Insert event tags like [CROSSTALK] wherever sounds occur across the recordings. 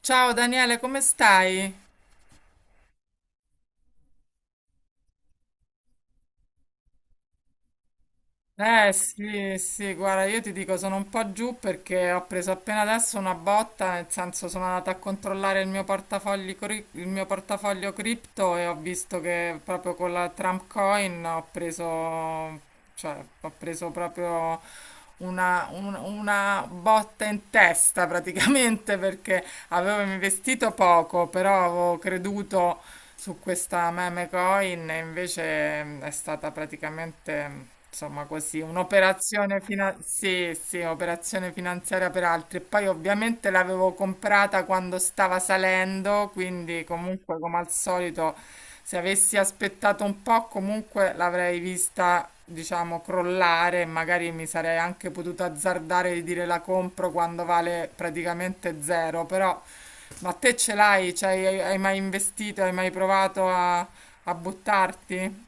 Ciao Daniele, come stai? Eh sì, sì, guarda, io ti dico, sono un po' giù perché ho preso appena adesso una botta, nel senso sono andata a controllare il mio il mio portafoglio cripto e ho visto che proprio con la Trump Coin ho preso, cioè, ho preso proprio una botta in testa praticamente [LAUGHS] perché avevo investito poco, però avevo creduto su questa meme coin e invece è stata praticamente, insomma, così sì, sì, operazione finanziaria per altri. E poi ovviamente l'avevo comprata quando stava salendo, quindi comunque come al solito se avessi aspettato un po' comunque l'avrei vista, diciamo, crollare e magari mi sarei anche potuta azzardare di dire la compro quando vale praticamente zero, però ma te ce l'hai? Cioè, hai mai investito? Hai mai provato a, a buttarti?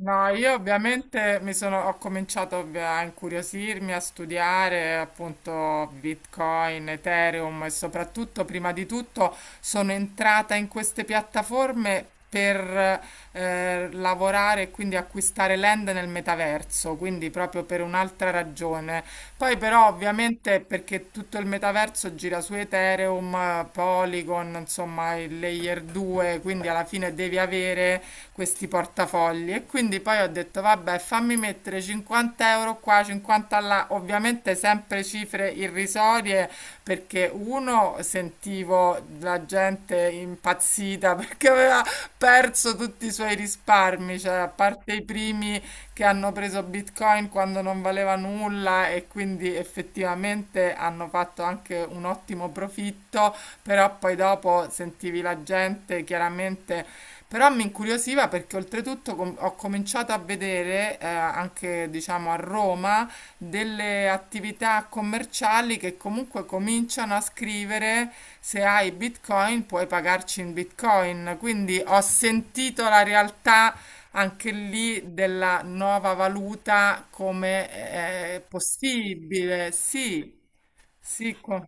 No, io ovviamente mi sono, a incuriosirmi, a studiare appunto Bitcoin, Ethereum e soprattutto, prima di tutto, sono entrata in queste piattaforme per lavorare e quindi acquistare land nel metaverso, quindi proprio per un'altra ragione. Poi però ovviamente perché tutto il metaverso gira su Ethereum, Polygon, insomma il layer 2, quindi alla fine devi avere questi portafogli. E quindi poi ho detto vabbè fammi mettere 50 euro qua, 50 là, ovviamente sempre cifre irrisorie perché uno sentivo la gente impazzita [LAUGHS] perché aveva perso tutti i suoi risparmi, cioè a parte i primi che hanno preso Bitcoin quando non valeva nulla e quindi effettivamente hanno fatto anche un ottimo profitto, però poi dopo sentivi la gente chiaramente però mi incuriosiva perché oltretutto ho cominciato a vedere anche diciamo a Roma delle attività commerciali che comunque cominciano a scrivere se hai Bitcoin puoi pagarci in Bitcoin. Quindi ho sentito la realtà anche lì della nuova valuta come possibile. Sì, sì. co-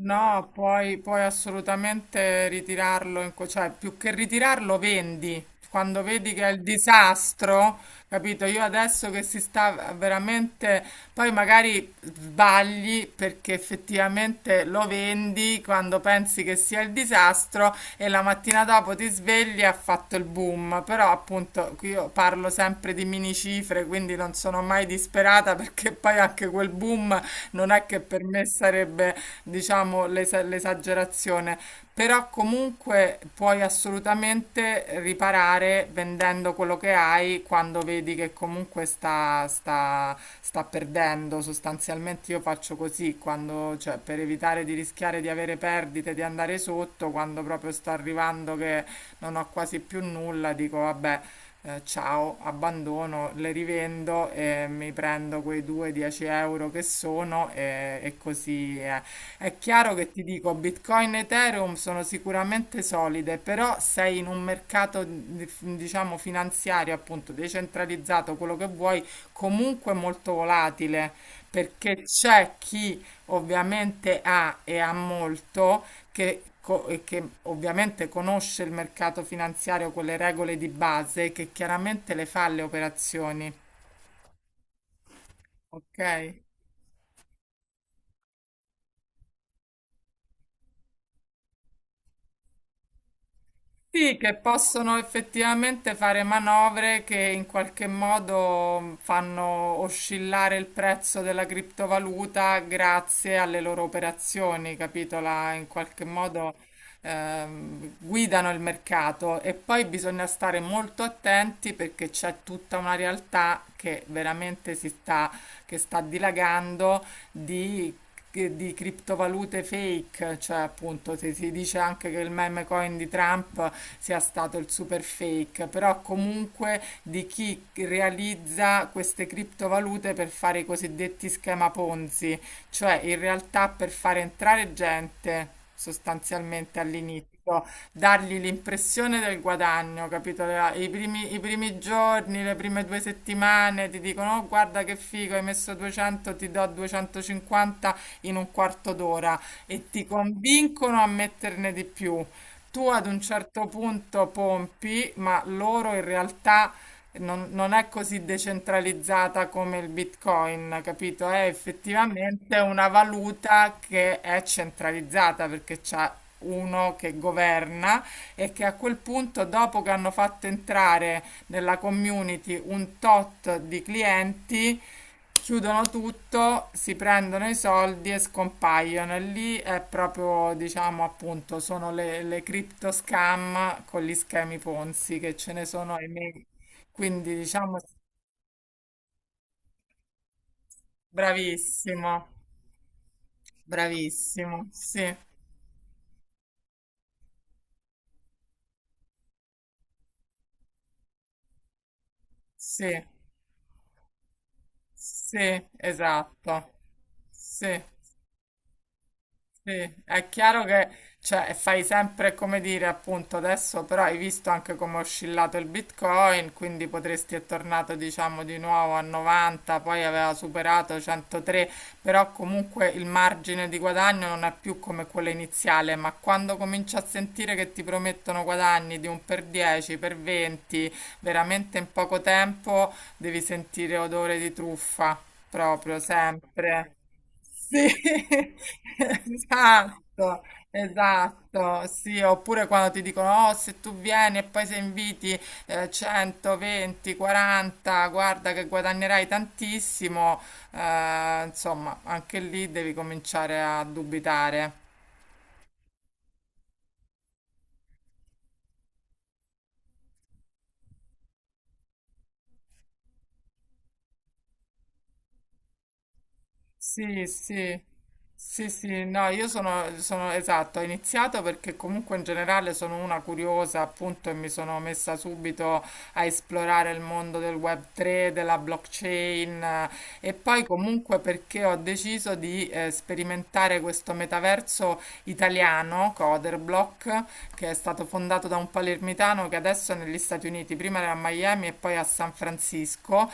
No, puoi, puoi assolutamente ritirarlo, cioè più che ritirarlo vendi. Quando vedi che è il disastro, capito? Io adesso che si sta veramente, poi magari sbagli perché effettivamente lo vendi quando pensi che sia il disastro e la mattina dopo ti svegli e ha fatto il boom. Però appunto qui io parlo sempre di mini cifre, quindi non sono mai disperata [LAUGHS] perché poi anche quel boom non è che per me sarebbe diciamo, l'esagerazione, però comunque puoi assolutamente riparare vendendo quello che hai quando vedi che comunque sta perdendo. Sostanzialmente io faccio così, quando, cioè, per evitare di rischiare di avere perdite, di andare sotto, quando proprio sto arrivando che non ho quasi più nulla, dico vabbè ciao, abbandono, le rivendo e mi prendo quei 2-10 euro che sono e così è. È chiaro che ti dico, Bitcoin e Ethereum sono sicuramente solide, però sei in un mercato, diciamo, finanziario, appunto, decentralizzato, quello che vuoi, comunque molto volatile, perché c'è chi ovviamente ha e ha molto che, e che ovviamente conosce il mercato finanziario, quelle regole di base, che chiaramente le fa le operazioni, ok? Sì, che possono effettivamente fare manovre che in qualche modo fanno oscillare il prezzo della criptovaluta grazie alle loro operazioni, capito? In qualche modo guidano il mercato e poi bisogna stare molto attenti perché c'è tutta una realtà che veramente si sta, che sta dilagando di di criptovalute fake, cioè appunto se si dice anche che il meme coin di Trump sia stato il super fake, però comunque di chi realizza queste criptovalute per fare i cosiddetti schema Ponzi, cioè in realtà per fare entrare gente sostanzialmente all'inizio. Dargli l'impressione del guadagno, capito? I primi giorni, le prime due settimane ti dicono: "Oh, guarda che figo, hai messo 200, ti do 250 in un quarto d'ora e ti convincono a metterne di più. Tu ad un certo punto pompi, ma loro in realtà non è così decentralizzata come il Bitcoin, capito? È effettivamente una valuta che è centralizzata perché c'è uno che governa e che a quel punto, dopo che hanno fatto entrare nella community un tot di clienti, chiudono tutto, si prendono i soldi e scompaiono. E lì è proprio, diciamo, appunto, sono le crypto scam con gli schemi Ponzi che ce ne sono, ahimè. Quindi, diciamo, bravissimo, bravissimo, sì, sì, sì, esatto, sì. Sì, è chiaro che cioè, fai sempre come dire, appunto, adesso però hai visto anche come è oscillato il Bitcoin, quindi potresti è tornato, diciamo, di nuovo a 90, poi aveva superato 103, però comunque il margine di guadagno non è più come quello iniziale, ma quando cominci a sentire che ti promettono guadagni di un per 10, per 20, veramente in poco tempo devi sentire odore di truffa. Proprio, sempre. Sì, [LAUGHS] esatto, esatto, sì, oppure quando ti dicono, oh, se tu vieni e poi se inviti 120, 40, guarda che guadagnerai tantissimo, insomma, anche lì devi cominciare a dubitare. Sì, sì, sì, sì, no, io sono, esatto, ho iniziato perché comunque in generale sono una curiosa, appunto, e mi sono messa subito a esplorare il mondo del Web3, della blockchain e poi comunque perché ho deciso di sperimentare questo metaverso italiano, Coderblock, che è stato fondato da un palermitano che adesso è negli Stati Uniti, prima era a Miami e poi a San Francisco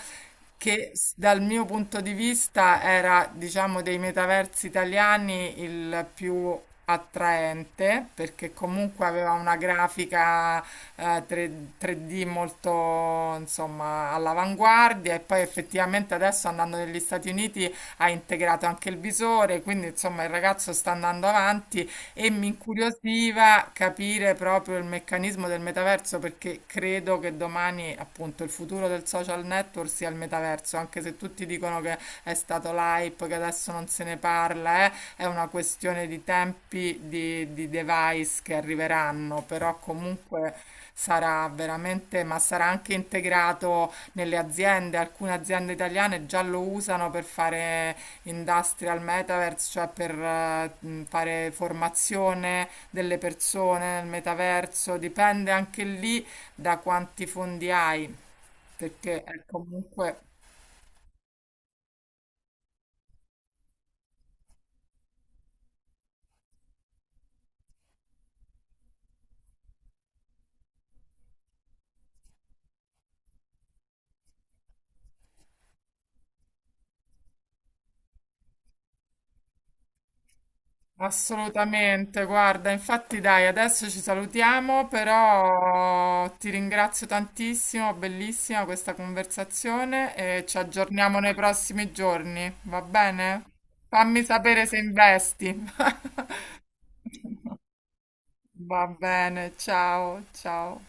che dal mio punto di vista era, diciamo, dei metaversi italiani il più attraente, perché comunque aveva una grafica eh, 3, 3D molto, insomma, all'avanguardia e poi effettivamente adesso andando negli Stati Uniti ha integrato anche il visore, quindi insomma il ragazzo sta andando avanti e mi incuriosiva capire proprio il meccanismo del metaverso perché credo che domani appunto il futuro del social network sia il metaverso, anche se tutti dicono che è stato l'hype, che adesso non se ne parla, è una questione di tempi di device che arriveranno, però comunque sarà veramente, ma sarà anche integrato nelle aziende, alcune aziende italiane già lo usano per fare Industrial Metaverse, cioè per fare formazione delle persone nel metaverso, dipende anche lì da quanti fondi hai, perché è comunque assolutamente, guarda, infatti dai, adesso ci salutiamo, però ti ringrazio tantissimo, bellissima questa conversazione e ci aggiorniamo nei prossimi giorni, va bene? Fammi sapere se investi. [LAUGHS] Va bene, ciao, ciao.